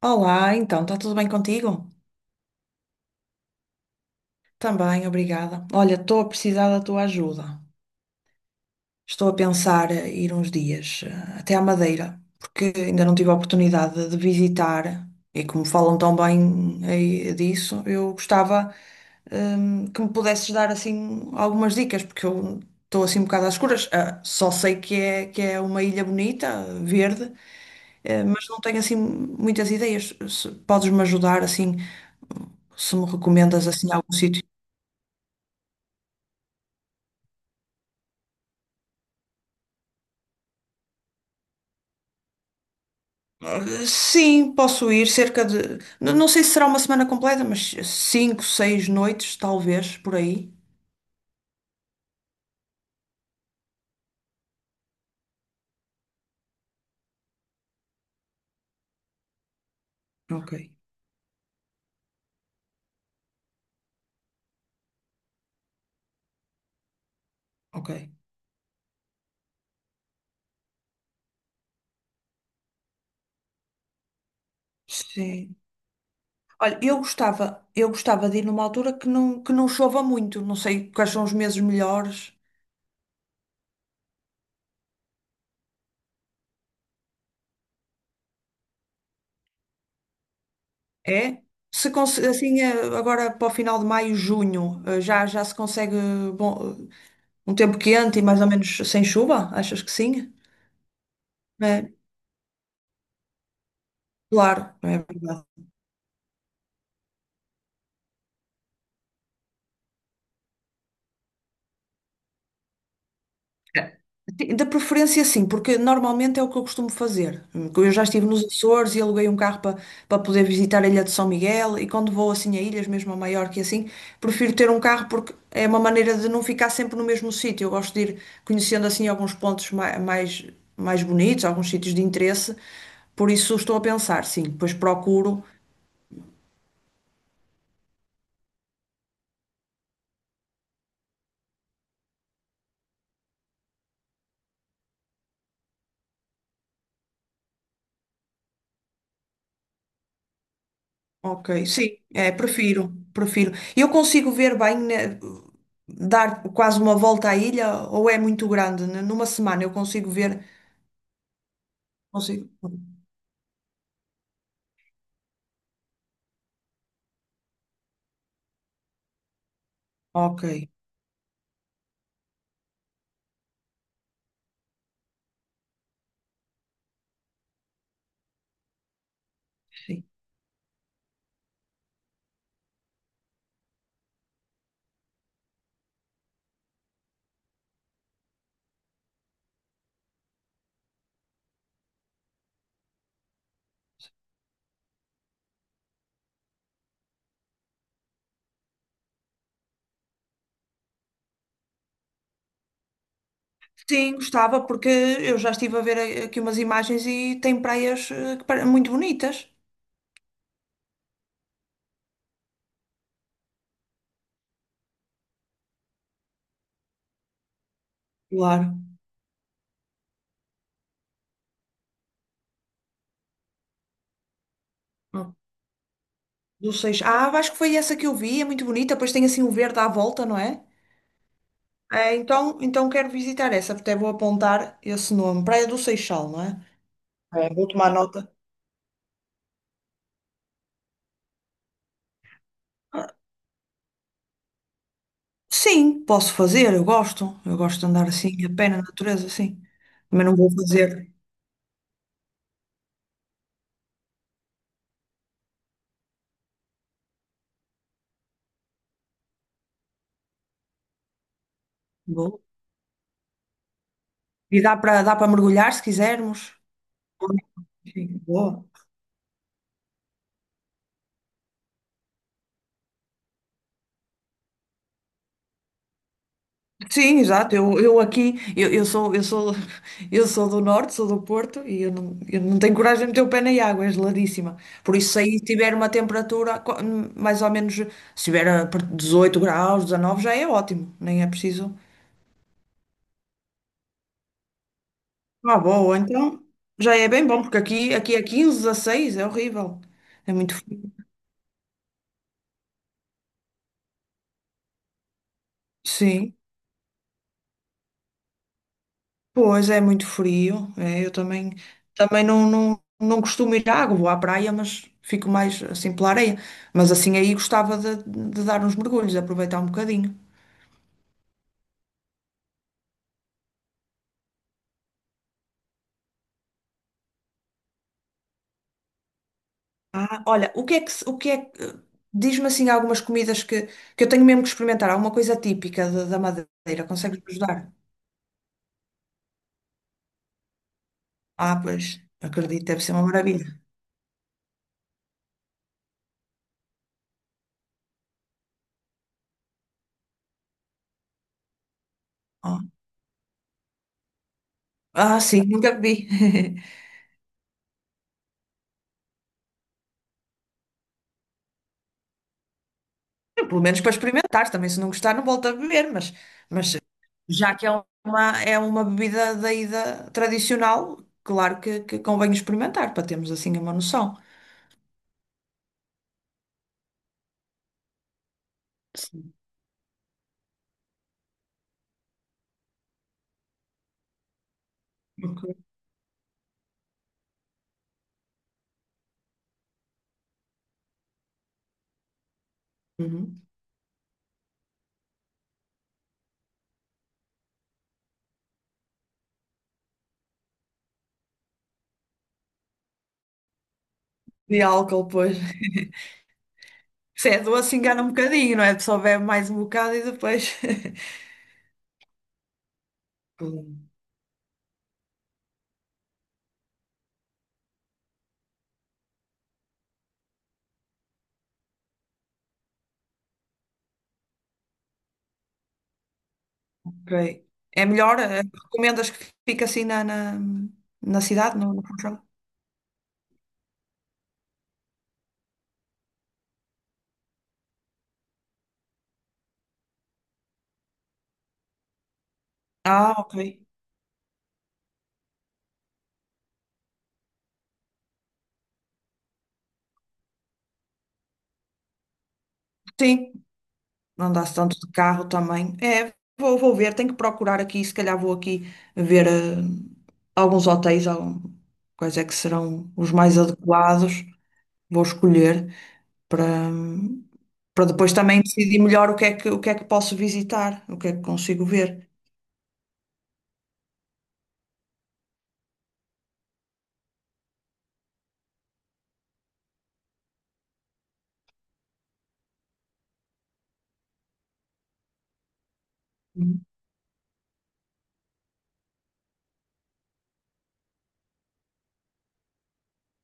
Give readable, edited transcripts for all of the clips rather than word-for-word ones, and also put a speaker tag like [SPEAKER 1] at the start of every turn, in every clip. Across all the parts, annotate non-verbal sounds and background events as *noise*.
[SPEAKER 1] Olá, então, está tudo bem contigo? Também, obrigada. Olha, estou a precisar da tua ajuda. Estou a pensar ir uns dias até à Madeira, porque ainda não tive a oportunidade de visitar e como falam tão bem aí disso, eu gostava que me pudesses dar assim algumas dicas, porque eu estou assim um bocado às escuras. Ah, só sei que é uma ilha bonita, verde, mas não tenho assim muitas ideias. Podes-me ajudar assim, se me recomendas assim algum sítio? Sim, posso ir cerca de. Não sei se será uma semana completa, mas cinco, seis noites, talvez, por aí. Ok, ok. Sim. Olha, eu gostava de ir numa altura que não chova muito. Não sei quais são os meses melhores. É? Se conse- assim, agora para o final de maio, junho, já se consegue bom, um tempo quente e mais ou menos sem chuva? Achas que sim? É, claro, é verdade. Sim, da preferência, sim, porque normalmente é o que eu costumo fazer. Eu já estive nos Açores e aluguei um carro para poder visitar a Ilha de São Miguel. E quando vou assim a ilhas, mesmo a Maiorca e assim, prefiro ter um carro porque é uma maneira de não ficar sempre no mesmo sítio. Eu gosto de ir conhecendo assim alguns pontos mais bonitos, alguns sítios de interesse. Por isso estou a pensar, sim, depois procuro. Ok, sim, é, prefiro, prefiro. Eu consigo ver bem, né, dar quase uma volta à ilha ou é muito grande? Né? Numa semana eu consigo ver, consigo. Ok, sim. Sim, gostava porque eu já estive a ver aqui umas imagens e tem praias muito bonitas. Claro. Não não sei. Ah, acho que foi essa que eu vi, é muito bonita, pois tem assim o verde à volta, não é? É, então quero visitar essa, até vou apontar esse nome. Praia do Seixal, não é? É, vou tomar nota. Sim, posso fazer, eu gosto. Eu gosto de andar assim, a pé na natureza, sim. Mas não vou fazer. Vou. E dá para mergulhar se quisermos. Sim, boa. Sim, exato. Eu aqui, eu sou, *laughs* eu sou do norte, sou do Porto e eu não tenho coragem de meter o pé na água, é geladíssima. Por isso, se aí tiver uma temperatura mais ou menos, se tiver a 18 graus, 19, já é ótimo. Nem é preciso. Ah, boa, então já é bem bom, porque aqui, aqui é 15, 16, é horrível. É muito frio. Sim, pois é muito frio. É, eu também, não costumo ir à água, vou à praia, mas fico mais assim pela areia. Mas assim aí gostava de dar uns mergulhos, aproveitar um bocadinho. Ah, olha, o que é que, se- o que é que, diz-me assim algumas comidas que eu tenho mesmo que experimentar, alguma coisa típica da Madeira, consegues-me ajudar? Ah, pois, acredito, deve ser uma maravilha. Ah. Ah, sim, nunca bebi. *laughs* Pelo menos para experimentar também. Se não gostar, não volto a beber, mas, mas já que é é uma bebida daí tradicional, claro que convém experimentar para termos assim uma noção. Sim. Ok. Uhum. De álcool, pois. *laughs* Se é doce, engana um bocadinho, não é? A pessoa bebe mais um bocado e depois. *laughs* Ok. É melhor? Recomendas que fique assim na cidade, no Funchal? Ah, ok. Sim. Não dá-se tanto de carro também. É, vou ver, tenho que procurar aqui, se calhar vou aqui ver alguns hotéis, algum, quais é que serão os mais adequados, vou escolher para, depois também decidir melhor o que é que posso visitar, o que é que consigo ver. Uhum.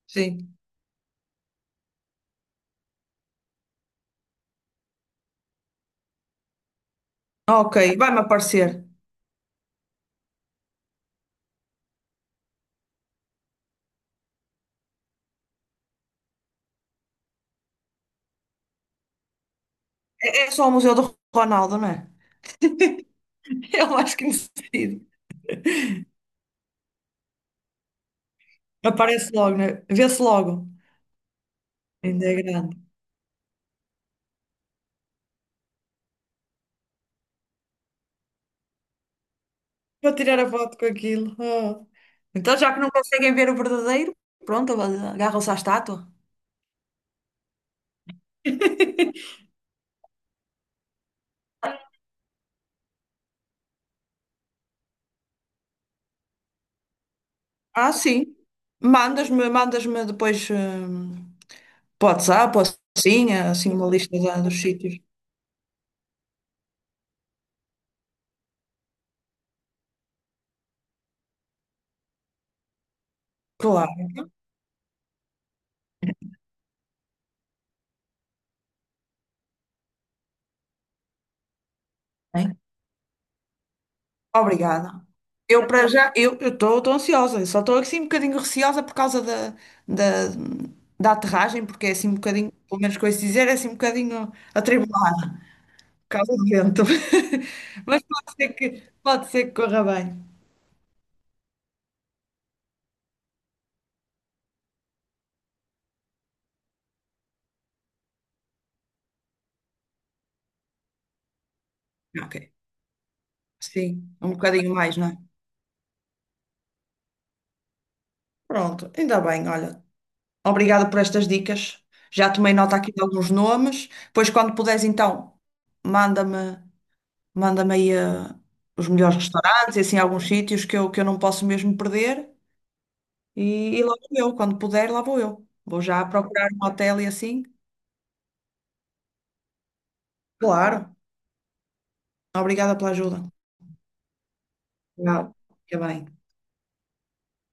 [SPEAKER 1] Sim. Ok, vai-me aparecer. É só o Museu do Ronaldo, não é? *laughs* Eu acho que necessito. Aparece logo, né? Vê-se logo. Ainda é grande. Vou tirar a foto com aquilo. Oh. Então, já que não conseguem ver o verdadeiro, pronto, agarram-se à estátua. Ah, sim. Mandas-me depois para o WhatsApp, ou assim, uma lista dos sítios. Claro, hein? Obrigada. Eu para já, eu estou ansiosa, eu só estou assim um bocadinho receosa por causa da, da aterragem, porque é assim um bocadinho, pelo menos com isso dizer, é assim um bocadinho atribulado. Calo vento, *laughs* Mas pode ser pode ser que corra bem. Ok. Sim, um bocadinho mais, não é? Pronto, ainda bem, olha. Obrigada por estas dicas. Já tomei nota aqui de alguns nomes. Pois quando puderes, então, manda-me, manda-me aí os melhores restaurantes e assim alguns sítios que eu não posso mesmo perder. E lá vou eu, quando puder, lá vou eu. Vou já procurar um hotel e assim. Claro. Obrigada pela ajuda. Tchau. Fica bem.